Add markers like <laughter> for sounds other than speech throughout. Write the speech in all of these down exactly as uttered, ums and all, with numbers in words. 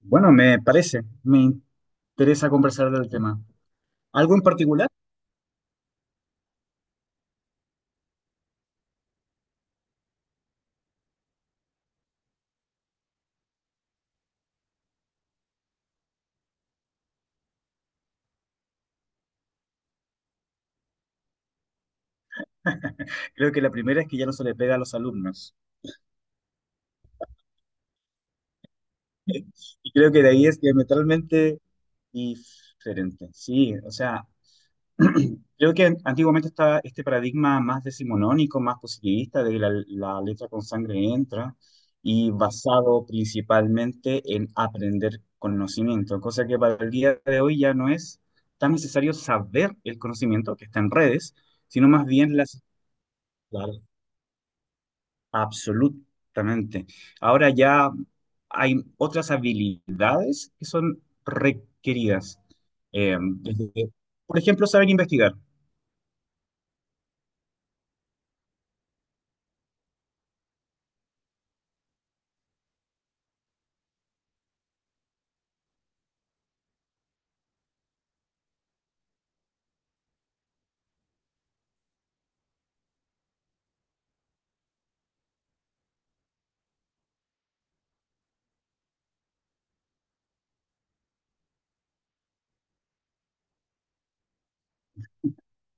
Bueno, me parece, me interesa conversar del tema. ¿Algo en particular? <laughs> Creo que la primera es que ya no se le pega a los alumnos. <laughs> Y creo que de ahí es diametralmente diferente. Sí, o sea, <clears throat> creo que antiguamente estaba este paradigma más decimonónico, más positivista, de que la, la letra con sangre entra, y basado principalmente en aprender conocimiento, cosa que para el día de hoy ya no es tan necesario saber, el conocimiento que está en redes, sino más bien las Claro. Absolutamente. Ahora ya hay otras habilidades que son requeridas. Eh, desde- por ejemplo, saber investigar.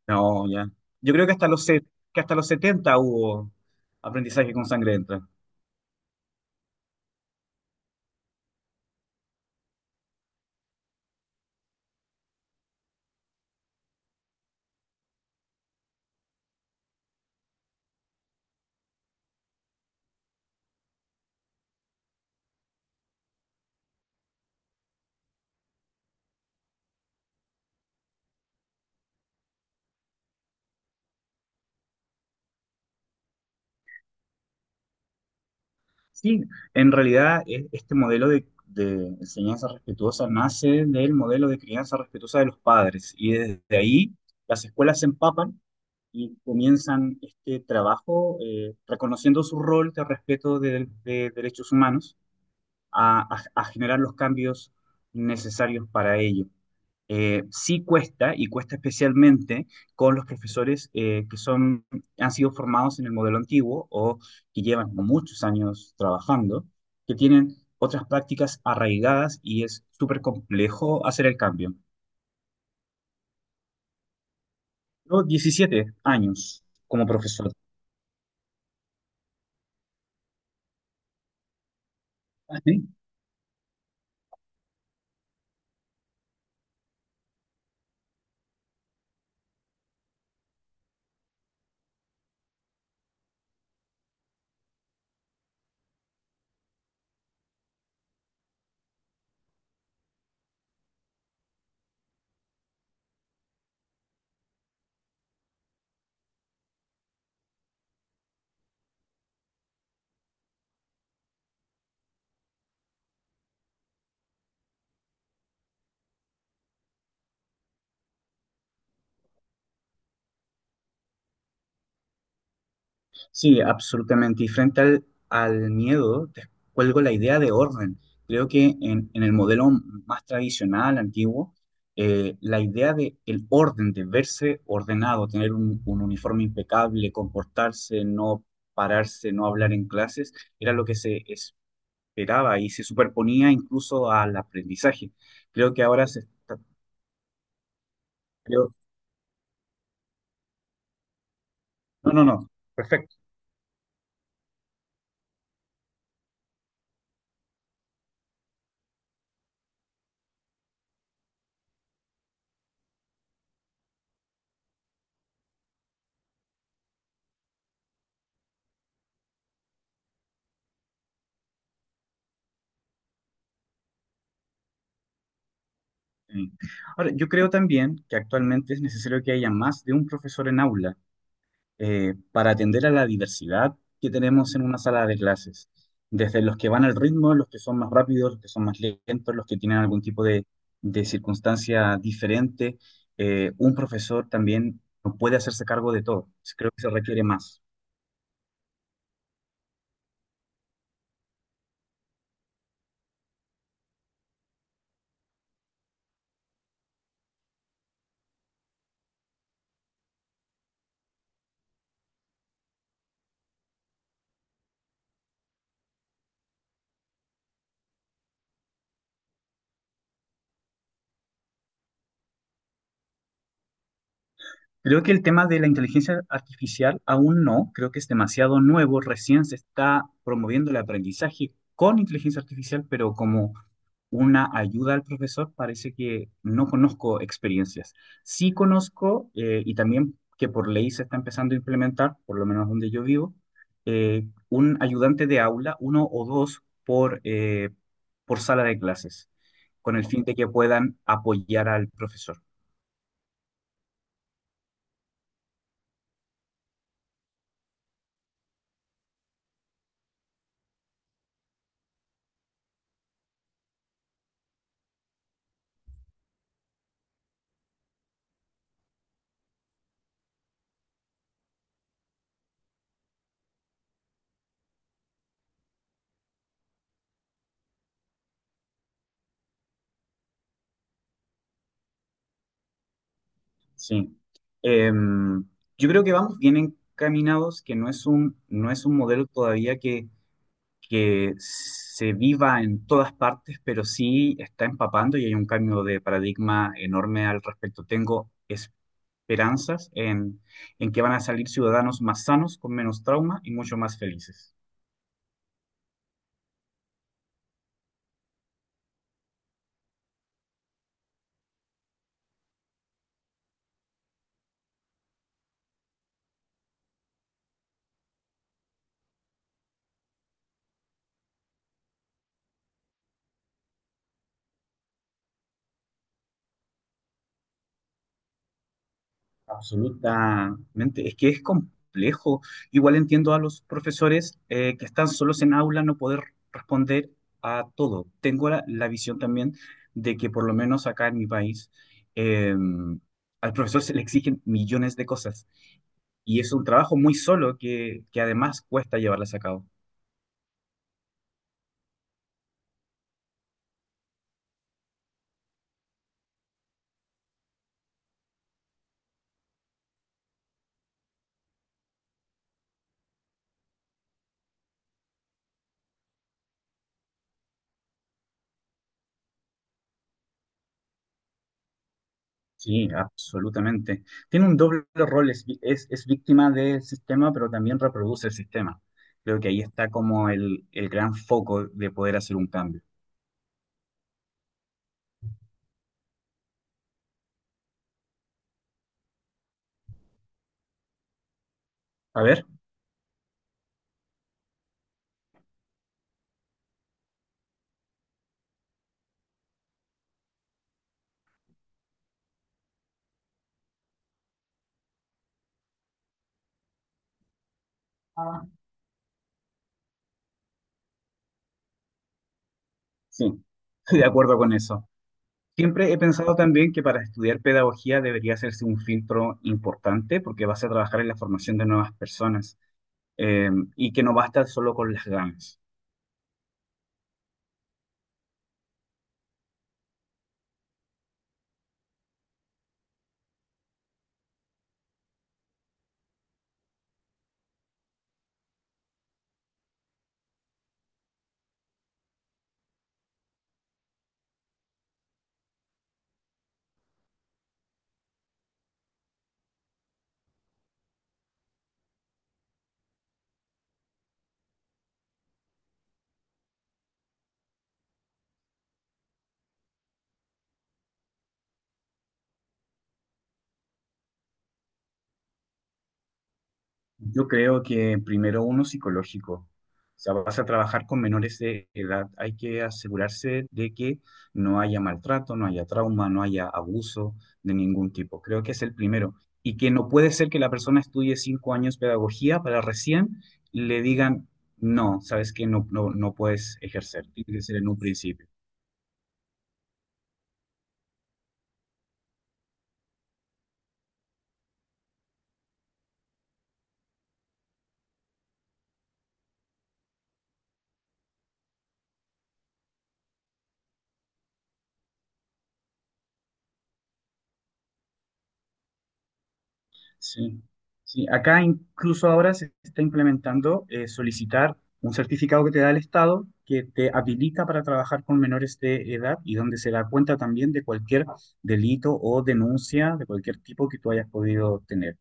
No, ya. Yo creo que hasta los, se- que hasta los setenta hubo aprendizaje con sangre dentro. Sí, en realidad e- este modelo de de enseñanza respetuosa nace del modelo de crianza respetuosa de los padres, y desde ahí las escuelas se empapan y comienzan este trabajo eh, reconociendo su rol de respeto de, de derechos humanos, a, a- a generar los cambios necesarios para ello. Eh, sí cuesta, y cuesta especialmente con los profesores, eh, que son, han sido formados en el modelo antiguo, o que llevan muchos años trabajando, que tienen otras prácticas arraigadas, y es súper complejo hacer el cambio. Yo diecisiete años como profesor. <laughs> Sí, absolutamente. Y frente al, al miedo, te cuelgo la idea de orden. Creo que en, en el modelo más tradicional, antiguo, eh, la idea de el orden, de verse ordenado, tener un, un uniforme impecable, comportarse, no pararse, no hablar en clases, era lo que se esperaba y se superponía incluso al aprendizaje. Creo que ahora se está... creo- no, no, no. Perfecto. Eh, Ahora, yo creo también que actualmente es necesario que haya más de un profesor en aula, eh, para atender a la diversidad que tenemos en una sala de clases, desde los que van al ritmo, los que son más rápidos, los que son más lentos, los que tienen algún tipo de, de circunstancia diferente. Eh, un profesor también no puede hacerse cargo de todo, creo que se requiere más. Creo que el tema de la inteligencia artificial aún no, creo que es demasiado nuevo, recién se está promoviendo el aprendizaje con inteligencia artificial, pero como una ayuda al profesor, parece que no conozco experiencias. Sí conozco, eh, y también que por ley se está empezando a implementar, por lo menos donde yo vivo, eh, un ayudante de aula, uno o dos por, eh, por sala de clases, con el fin de que puedan apoyar al profesor. Sí. Em, yo creo que vamos bien encaminados, que no es un, no es un modelo todavía que que se viva en todas partes, pero sí está empapando y hay un cambio de paradigma enorme al respecto. Tengo esperanzas en, en que van a salir ciudadanos más sanos, con menos trauma y mucho más felices. Absolutamente. Es que es complejo. Igual entiendo a los profesores, eh, que están solos en aula, no poder responder a todo. Tengo la, la visión también de que por lo menos acá en mi país, em, al profesor se le exigen millones de cosas. Y es un trabajo muy solo que, que además cuesta llevarlas a cabo. Sí, absolutamente. Tiene un doble rol, es, vi- es, es víctima del sistema, pero también reproduce el sistema. Creo que ahí está como el, el gran foco de poder hacer un cambio. A ver. Ah, sí. <laughs> Estoy de acuerdo con eso. Siempre he pensado también que para estudiar pedagogía debería hacerse un filtro importante, porque vas a trabajar en la formación de nuevas personas, eh, y que no basta solo con las ganas. Yo creo que primero uno psicológico. O sea, vas a trabajar con menores de edad. Hay que asegurarse de que no haya maltrato, no haya trauma, no haya abuso de ningún tipo. Creo que es el primero. Y que no puede ser que la persona estudie cinco años pedagogía para recién le digan, no, sabes que no, no, no puedes ejercer. Tiene que ser en un principio. Sí, sí. Acá incluso ahora se está implementando, eh, solicitar un certificado que te da el Estado, que te habilita para trabajar con menores de edad, y donde se da cuenta también de cualquier delito o denuncia de cualquier tipo que tú hayas podido tener.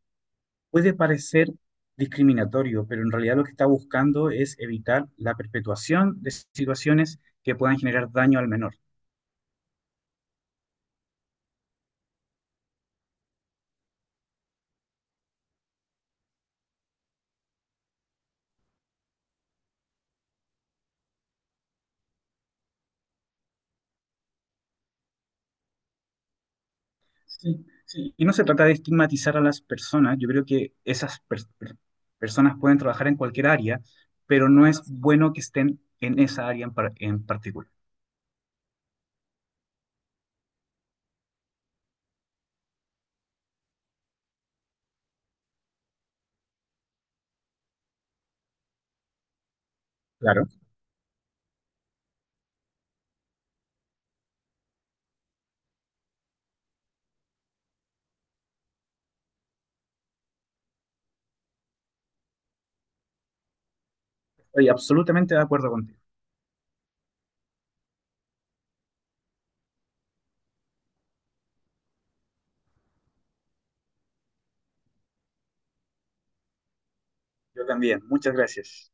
Puede parecer discriminatorio, pero en realidad lo que está buscando es evitar la perpetuación de situaciones que puedan generar daño al menor. Sí, sí. Y no se trata de estigmatizar a las personas. Yo creo que esas per- per- personas pueden trabajar en cualquier área, pero no es bueno que estén en esa área en, par- en particular. Claro. Estoy absolutamente de acuerdo contigo. Yo también. Muchas gracias.